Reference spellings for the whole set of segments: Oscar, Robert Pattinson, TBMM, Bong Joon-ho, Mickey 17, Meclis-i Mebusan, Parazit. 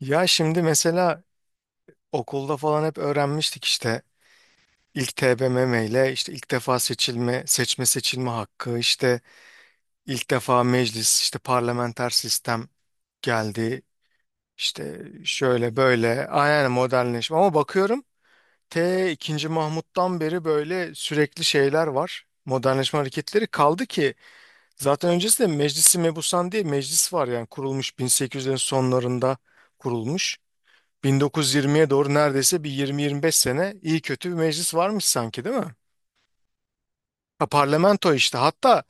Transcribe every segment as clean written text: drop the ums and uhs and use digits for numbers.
Ya şimdi mesela okulda falan hep öğrenmiştik işte ilk TBMM ile işte ilk defa seçme seçilme hakkı, işte ilk defa meclis, işte parlamenter sistem geldi. İşte şöyle böyle aynen modernleşme ama bakıyorum ikinci Mahmut'tan beri böyle sürekli şeyler var. Modernleşme hareketleri kaldı ki zaten öncesinde Meclisi Mebusan diye meclis var yani kurulmuş 1800'lerin sonlarında kurulmuş. 1920'ye doğru neredeyse bir 20-25 sene iyi kötü bir meclis varmış sanki değil mi? Ha, parlamento işte. Hatta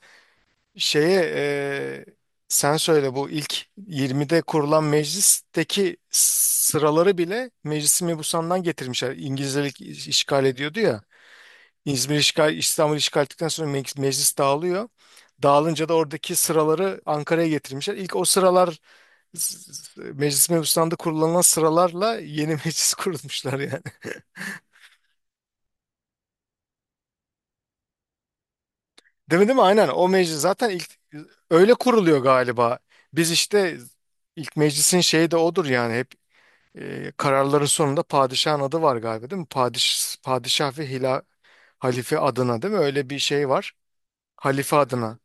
şeye e, sen söyle bu ilk 20'de kurulan meclisteki sıraları bile Meclis-i Mebusan'dan getirmişler. İngilizler ilk işgal ediyordu ya. İzmir işgal, İstanbul işgal ettikten sonra meclis, meclis dağılıyor. Dağılınca da oradaki sıraları Ankara'ya getirmişler. İlk o sıralar Meclis-i Mebusan'da kullanılan sıralarla yeni meclis kurulmuşlar yani. Değil mi, değil mi? Aynen. O meclis zaten ilk öyle kuruluyor galiba. Biz işte ilk meclisin şeyi de odur yani hep kararların sonunda padişahın adı var galiba değil mi? Padişah ve halife adına değil mi? Öyle bir şey var. Halife adına.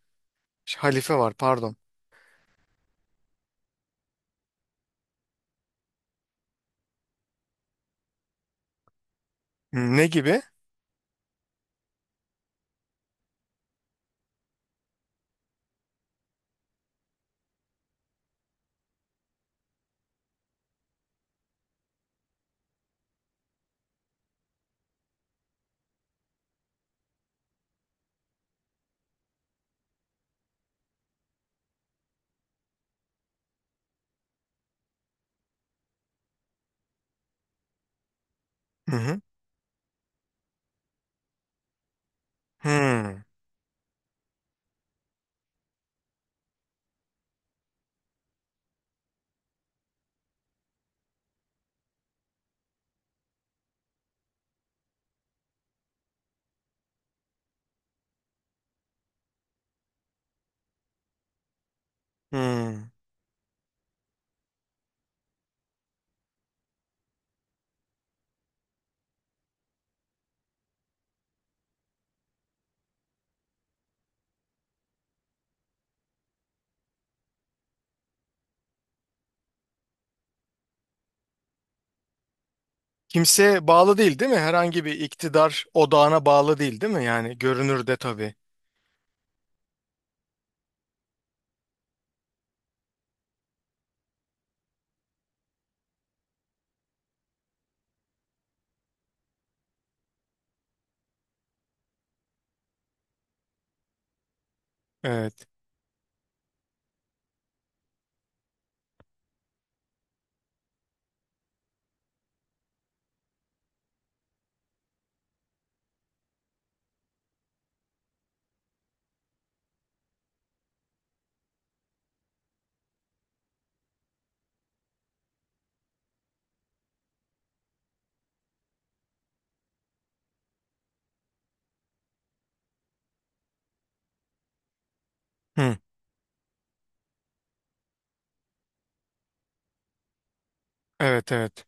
Halife var pardon. Hmm, ne gibi? Hı hı. Hmm. Hmm. Kimseye bağlı değil değil mi? Herhangi bir iktidar odağına bağlı değil değil mi? Yani görünürde tabii. Evet. Hı. Evet evet.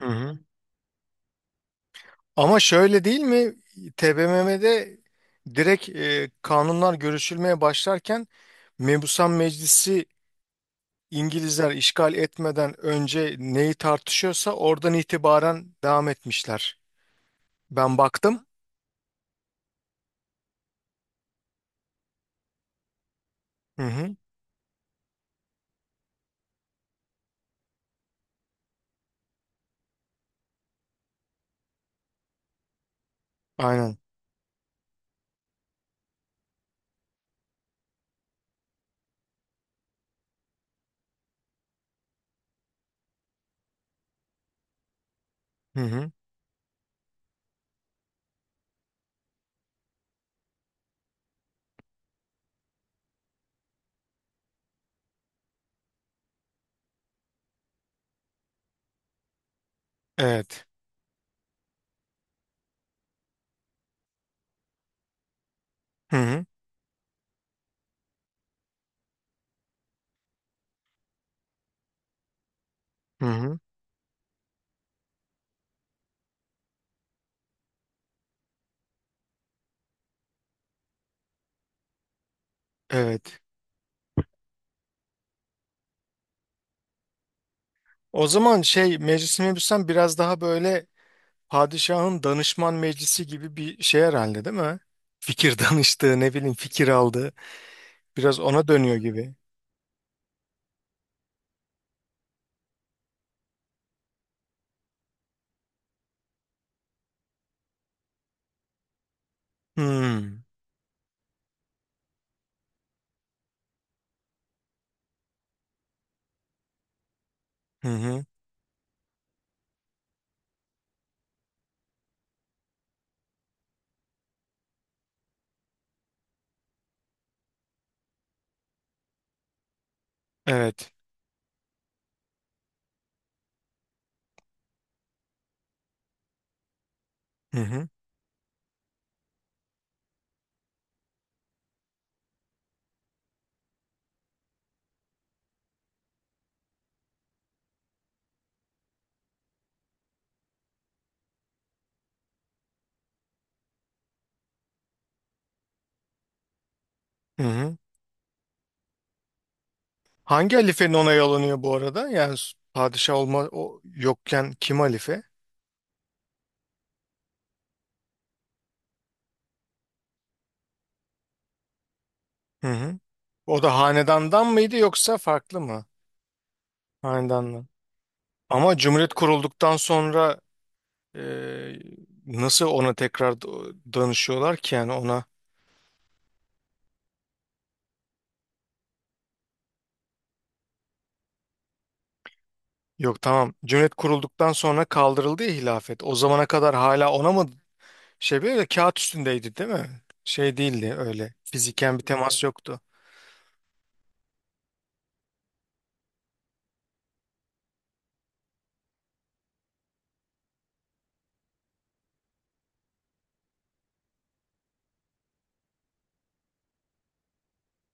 Hı hı. Ama şöyle değil mi? TBMM'de direkt kanunlar görüşülmeye başlarken Mebusan Meclisi İngilizler işgal etmeden önce neyi tartışıyorsa oradan itibaren devam etmişler. Ben baktım. Hı hı. Aynen. Hı hı. Evet. Hı hı. Hı hı. Evet. O zaman şey Meclis-i Mebusan biraz daha böyle padişahın danışman meclisi gibi bir şey herhalde değil mi? Fikir danıştığı ne bileyim fikir aldığı biraz ona dönüyor gibi. Hmm. Hı hı. Evet. Hı hı. Hı hı. Hangi halifenin ona alınıyor bu arada? Yani padişah olma o yokken kim halife? Hı hı. O da hanedandan mıydı yoksa farklı mı? Hanedandan. Ama Cumhuriyet kurulduktan sonra e, nasıl ona tekrar danışıyorlar ki yani ona? Yok tamam. Cumhuriyet kurulduktan sonra kaldırıldı ya hilafet. O zamana kadar hala ona mı şey böyle kağıt üstündeydi değil mi? Şey değildi öyle. Fiziken bir temas yoktu.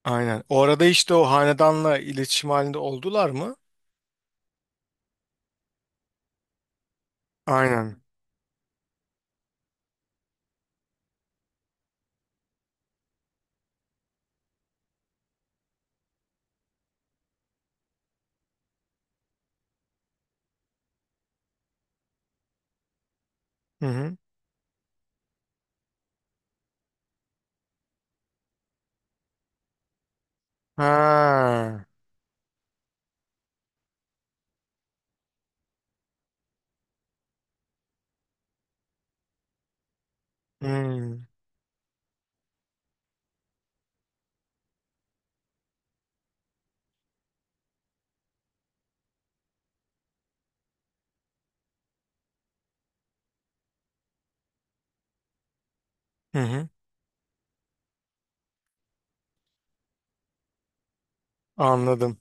Aynen. O arada işte o hanedanla iletişim halinde oldular mı? Aynen. Hı hı. Ha. Hmm. Hı hı. Anladım.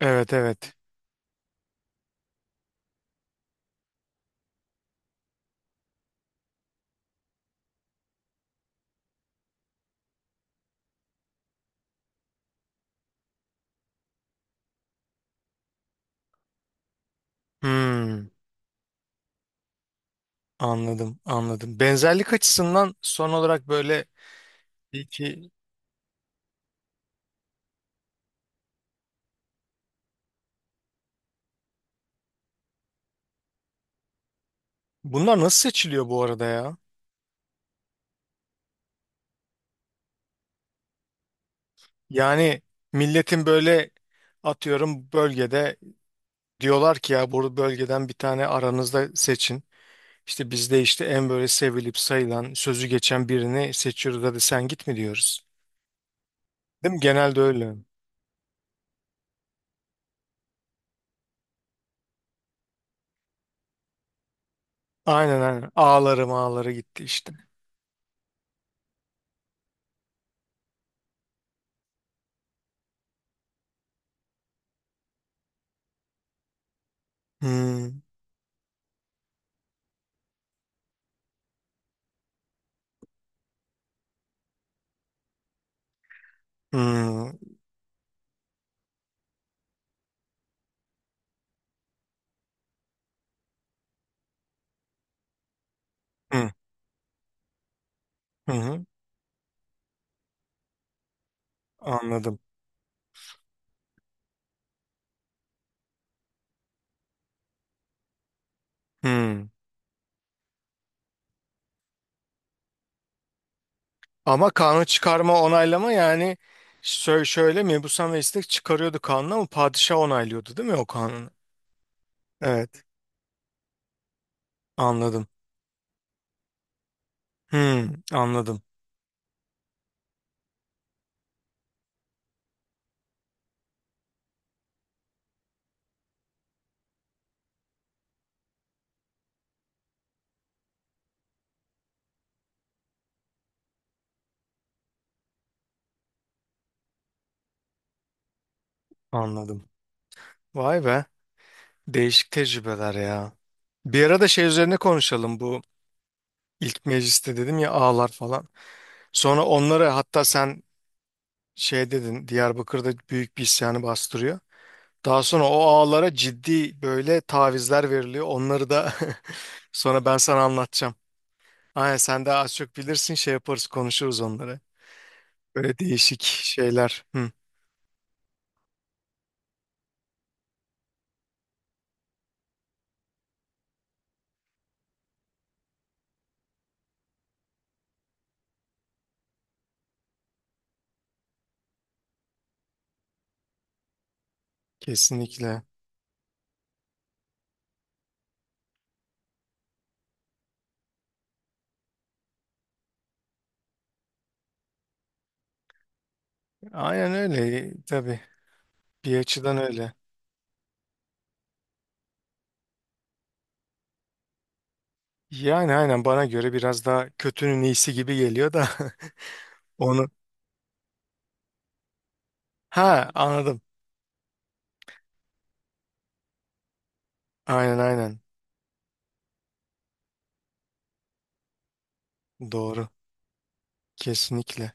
Evet evet. Hmm. Anladım anladım. Benzerlik açısından son olarak böyle peki bunlar nasıl seçiliyor bu arada ya? Yani milletin böyle atıyorum bölgede diyorlar ki ya bu bölgeden bir tane aranızda seçin. İşte bizde işte en böyle sevilip sayılan sözü geçen birini seçiyoruz hadi sen git mi diyoruz. Değil mi? Genelde öyle. Aynen aynen. Ağları mağları gitti işte. Hmm. Hmm. Hmm. Hı hı. Anladım. Hmm. Ama kanun çıkarma onaylama yani şöyle mebusan ve istek çıkarıyordu kanunu ama padişah onaylıyordu değil mi o kanunu? Evet. Anladım. Hmm, anladım. Anladım. Vay be. Değişik tecrübeler ya. Bir ara da şey üzerine konuşalım bu ilk mecliste dedim ya ağlar falan. Sonra onları hatta sen şey dedin Diyarbakır'da büyük bir isyanı bastırıyor. Daha sonra o ağalara ciddi böyle tavizler veriliyor. Onları da sonra ben sana anlatacağım. Aynen sen de az çok bilirsin şey yaparız konuşuruz onları. Böyle değişik şeyler. Hı, kesinlikle. Aynen öyle tabii bir açıdan öyle. Yani aynen bana göre biraz daha kötünün iyisi gibi geliyor da onu. Ha anladım. Aynen aynen doğru kesinlikle.